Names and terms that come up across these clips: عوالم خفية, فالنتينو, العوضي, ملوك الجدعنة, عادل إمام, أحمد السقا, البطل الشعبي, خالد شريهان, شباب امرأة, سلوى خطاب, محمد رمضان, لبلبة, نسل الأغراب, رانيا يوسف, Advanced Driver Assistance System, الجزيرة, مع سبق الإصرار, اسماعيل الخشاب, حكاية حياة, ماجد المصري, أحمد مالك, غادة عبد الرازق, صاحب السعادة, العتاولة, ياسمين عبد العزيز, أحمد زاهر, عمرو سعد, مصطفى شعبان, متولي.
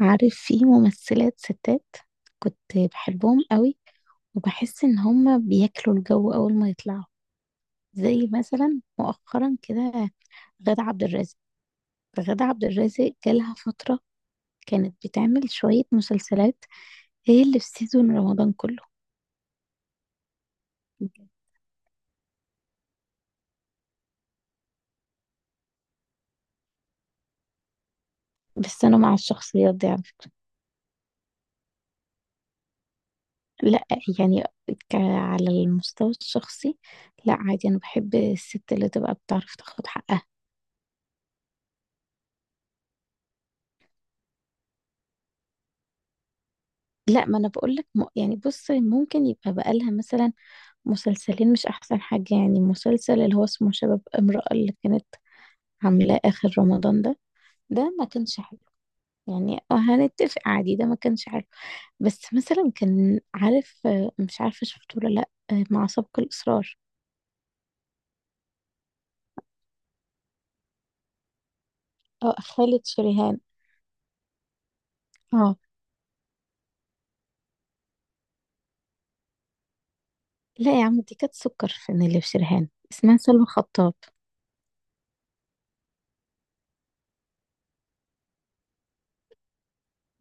عارف؟ في ممثلات ستات كنت بحبهم قوي، وبحس ان هما بياكلوا الجو اول ما يطلعوا. زي مثلا مؤخرا كده، غادة عبد الرازق غادة عبد الرازق جالها فترة كانت بتعمل شوية مسلسلات، هي اللي في سيزون رمضان كله. بس انا مع الشخصيات دي عارف. لا يعني على المستوى الشخصي، لا عادي انا بحب الست اللي تبقى بتعرف تاخد حقها. لا ما انا بقول لك يعني بص، ممكن يبقى بقالها مثلا مسلسلين مش احسن حاجة، يعني مسلسل اللي هو اسمه شباب امرأة اللي كانت عاملاه اخر رمضان ده ما كانش حلو. يعني هنتفق عادي، ده ما كانش حلو. بس مثلا كان عارف، مش عارفة شفته ولا لا، مع سبق الإصرار. اه، خالد شريهان. اه لا يا عم، دي كانت سكر، في اللي في شريهان اسمها سلوى خطاب.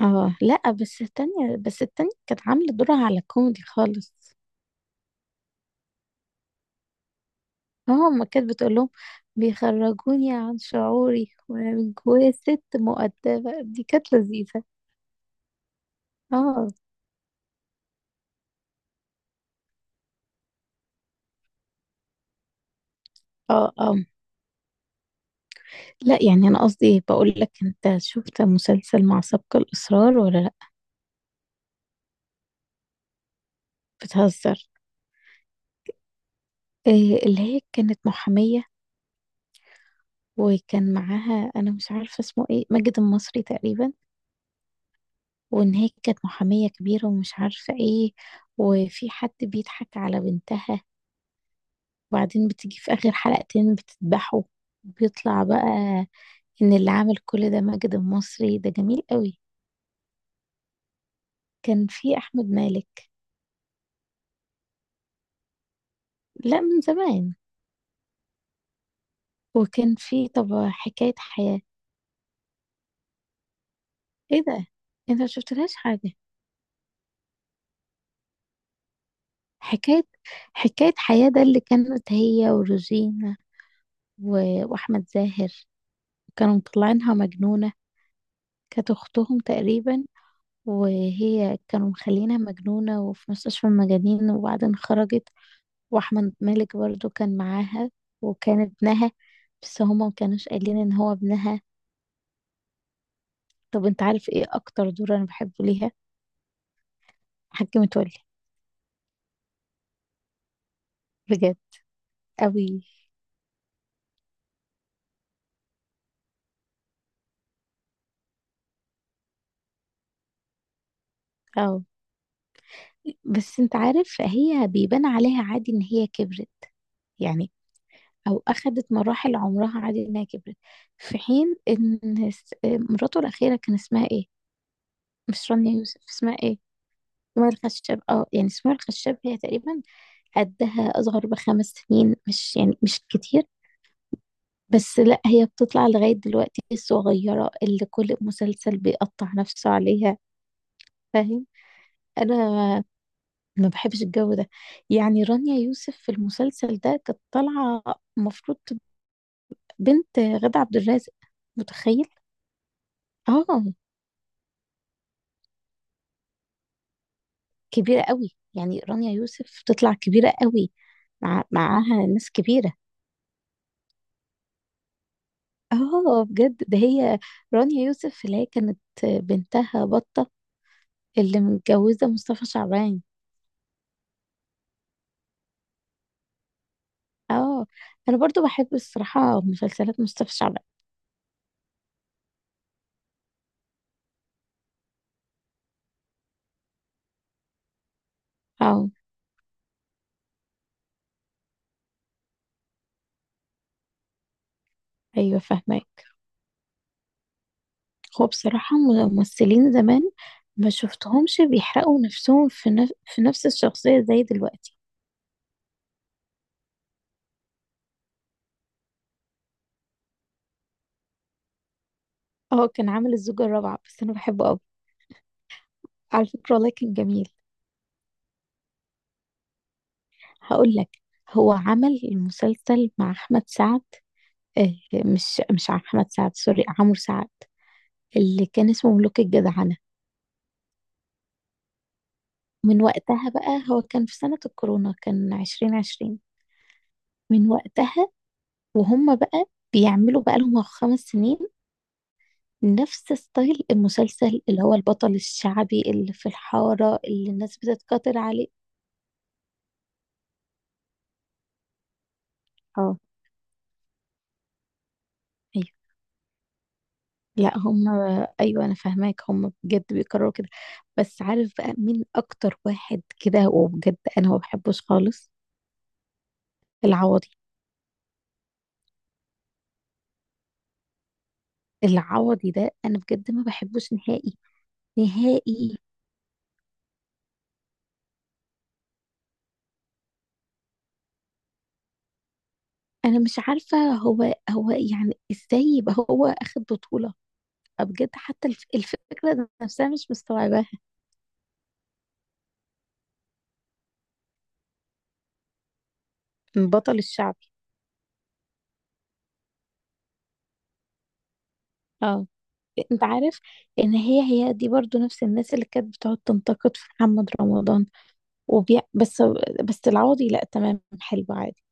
اه لا، بس التانية كانت عاملة دورها على كوميدي خالص. اه، ما كانت بتقول لهم بيخرجوني عن شعوري وانا من جوايا ست مؤدبة، دي كانت لذيذة. اه اه اه لا يعني، انا قصدي بقول لك انت شفت مسلسل مع سبق الاصرار ولا لا؟ بتهزر. إيه، اللي هي كانت محامية، وكان معاها انا مش عارفة اسمه ايه، ماجد المصري تقريبا. وان هي كانت محامية كبيرة ومش عارفة ايه، وفي حد بيضحك على بنتها وبعدين بتيجي في اخر حلقتين بتذبحه. بيطلع بقى ان اللي عمل كل ده ماجد المصري، ده جميل قوي. كان في احمد مالك. لا، من زمان. وكان في، طب، حكاية حياة. ايه ده؟ انت ما شفتلهاش حاجة؟ حكاية حكاية حياة ده اللي كانت هي وروجينا واحمد زاهر، كانوا مطلعينها مجنونة، كانت اختهم تقريبا. وهي كانوا مخلينها مجنونة وفي مستشفى المجانين وبعدين خرجت. واحمد مالك برضو كان معاها، وكان ابنها بس هما مكانوش قايلين ان هو ابنها. طب انت عارف ايه اكتر دور انا بحبه ليها؟ حاجة متولي. بجد قوي. اه، بس انت عارف هي بيبان عليها عادي ان هي كبرت. يعني او اخدت مراحل عمرها، عادي انها كبرت، في حين ان مراته الاخيرة كان اسمها ايه؟ مش رانيا يوسف، اسمها ايه؟ اسماعيل الخشاب، اه يعني اسماعيل الخشاب، هي تقريبا قدها اصغر ب5 سنين، مش يعني مش كتير. بس لا، هي بتطلع لغاية دلوقتي الصغيرة اللي كل مسلسل بيقطع نفسه عليها. فاهم؟ انا ما بحبش الجو ده. يعني رانيا يوسف في المسلسل ده كانت طالعه المفروض بنت غادة عبد الرازق، متخيل؟ اه. كبيره قوي يعني، رانيا يوسف تطلع كبيره قوي معاها ناس كبيره. اه بجد، ده هي رانيا يوسف اللي هي كانت بنتها بطه اللي متجوزه مصطفى شعبان. اه، انا برضو بحب الصراحه مسلسلات مصطفى شعبان. اه ايوه، فاهمه. هو بصراحة، ممثلين زمان ما شفتهمش بيحرقوا نفسهم في نفس الشخصية زي دلوقتي. اه، كان عامل الزوجة الرابعة، بس أنا بحبه أوي. على فكرة والله كان جميل. هقول لك، هو عمل المسلسل مع أحمد سعد، آه مش أحمد سعد، سوري، عمرو سعد، اللي كان اسمه ملوك الجدعنة. من وقتها بقى، هو كان في سنة الكورونا، كان 2020. من وقتها وهم بقى بيعملوا بقالهم 5 سنين نفس ستايل المسلسل اللي هو البطل الشعبي اللي في الحارة اللي الناس بتتقاتل عليه. اه ايوه. لا هم، ايوه انا فاهماك، هم بجد بيكرروا كده. بس عارف بقى مين اكتر واحد كده وبجد انا ما بحبوش خالص؟ العوضي. العوضي ده انا بجد ما بحبوش نهائي نهائي. انا مش عارفة هو يعني ازاي يبقى هو اخد بطولة؟ بجد حتى الفكرة نفسها مش مستوعباها. بطل الشعبي. اه، انت عارف ان هي، هي دي برضو نفس الناس اللي كانت بتقعد تنتقد في محمد رمضان وبيع. بس العوضي لا، تمام حلو عادي.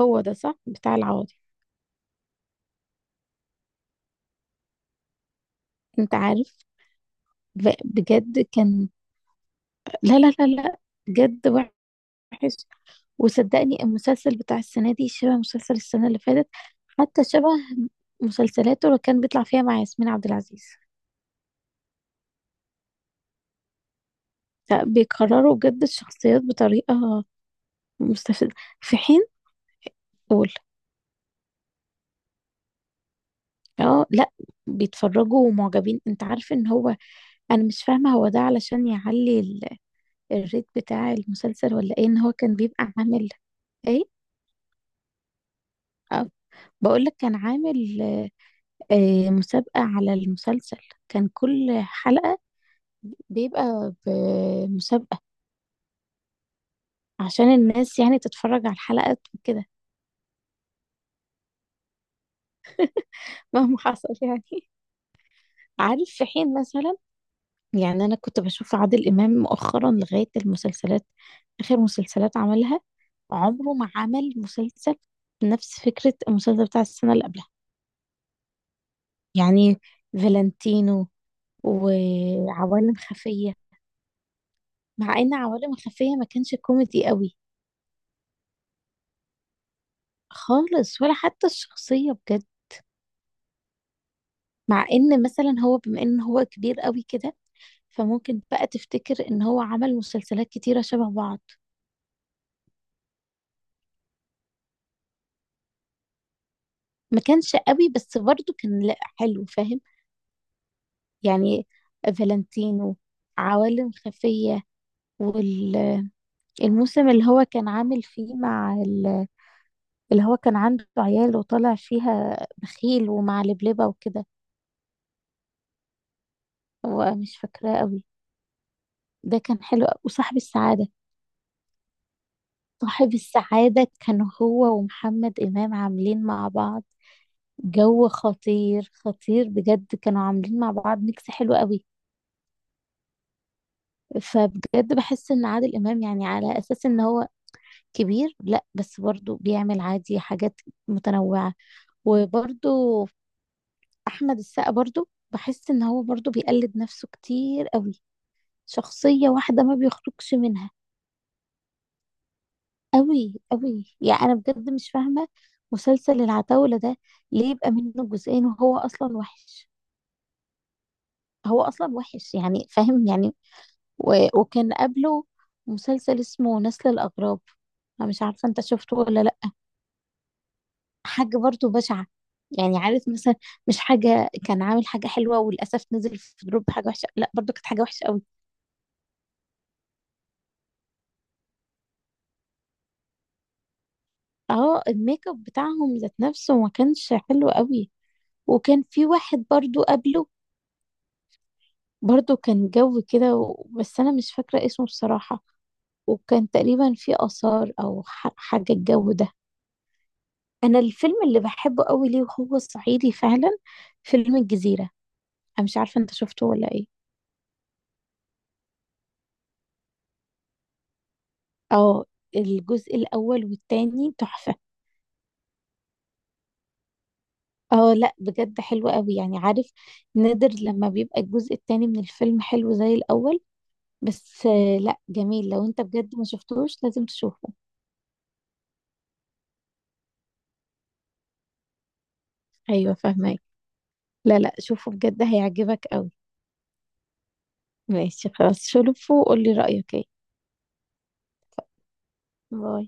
هو ده صح بتاع العوضي؟ انت عارف بجد كان لا لا لا لا، بجد وحش. وصدقني المسلسل بتاع السنة دي شبه مسلسل السنة اللي فاتت، حتى شبه مسلسلاته اللي كان بيطلع فيها مع ياسمين عبد العزيز. لا، بيكرروا بجد الشخصيات بطريقة مستفزة، في حين، قول. اه لا، بيتفرجوا ومعجبين. انت عارف ان هو، انا مش فاهمة هو ده علشان يعلي الريت بتاع المسلسل ولا ايه؟ ان هو كان بيبقى عامل ايه؟ أه بقول لك، كان عامل مسابقة على المسلسل. كان كل حلقة بيبقى بمسابقة عشان الناس يعني تتفرج على الحلقات وكده. مهما حصل يعني. عارف؟ في حين مثلا يعني، انا كنت بشوف عادل امام مؤخرا لغاية المسلسلات، اخر مسلسلات عملها عمره ما عمل مسلسل نفس فكرة المسلسل بتاع السنة اللي قبلها. يعني فالنتينو وعوالم خفية، مع ان عوالم خفية ما كانش كوميدي قوي خالص، ولا حتى الشخصية، بجد. مع ان مثلا هو بما ان هو كبير قوي كده، فممكن بقى تفتكر ان هو عمل مسلسلات كتيرة شبه بعض، ما كانش قوي بس برضه كان، لا، حلو. فاهم؟ يعني فالنتينو، عوالم خفية، وال الموسم اللي هو كان عامل فيه مع اللي هو كان عنده عيال وطالع فيها بخيل ومع لبلبة وكده، هو مش فاكراه قوي. ده كان حلو أوي. وصاحب السعادة. صاحب السعادة كان هو ومحمد إمام عاملين مع بعض، جو خطير خطير بجد، كانوا عاملين مع بعض ميكس حلو قوي. فبجد بحس ان عادل امام يعني على اساس ان هو كبير، لا بس برضه بيعمل عادي حاجات متنوعة. وبرضه احمد السقا برضو بحس ان هو برضو بيقلد نفسه كتير قوي، شخصية واحدة ما بيخرجش منها. قوي قوي يعني، انا بجد مش فاهمة مسلسل العتاولة ده ليه يبقى منه جزئين وهو اصلا وحش. هو اصلا وحش يعني، فاهم يعني. و... وكان قبله مسلسل اسمه نسل الاغراب، انا مش عارفة انت شفته ولا لا. حاجة برضو بشعة. يعني عارف مثلا، مش حاجة كان عامل حاجة حلوة وللأسف نزل في دروب حاجة وحشة، لا برضو كانت حاجة وحشة قوي. اه، الميك اب بتاعهم ذات نفسه ما كانش حلو قوي. وكان في واحد برضو قبله برضو كان جو كده بس انا مش فاكرة اسمه بصراحة. وكان تقريبا في آثار او حاجة الجو ده. انا الفيلم اللي بحبه قوي ليه وهو صعيدي فعلا، فيلم الجزيرة، انا مش عارفة انت شفته ولا ايه. اه، الجزء الاول والتاني تحفة. اه لا بجد حلو قوي، يعني عارف، نادر لما بيبقى الجزء التاني من الفيلم حلو زي الاول. بس لا جميل، لو انت بجد ما شفتوش لازم تشوفه. ايوه فاهمك. لا لا شوفه بجد، هيعجبك قوي. ماشي خلاص، شوفه وقولي رأيك ايه. باي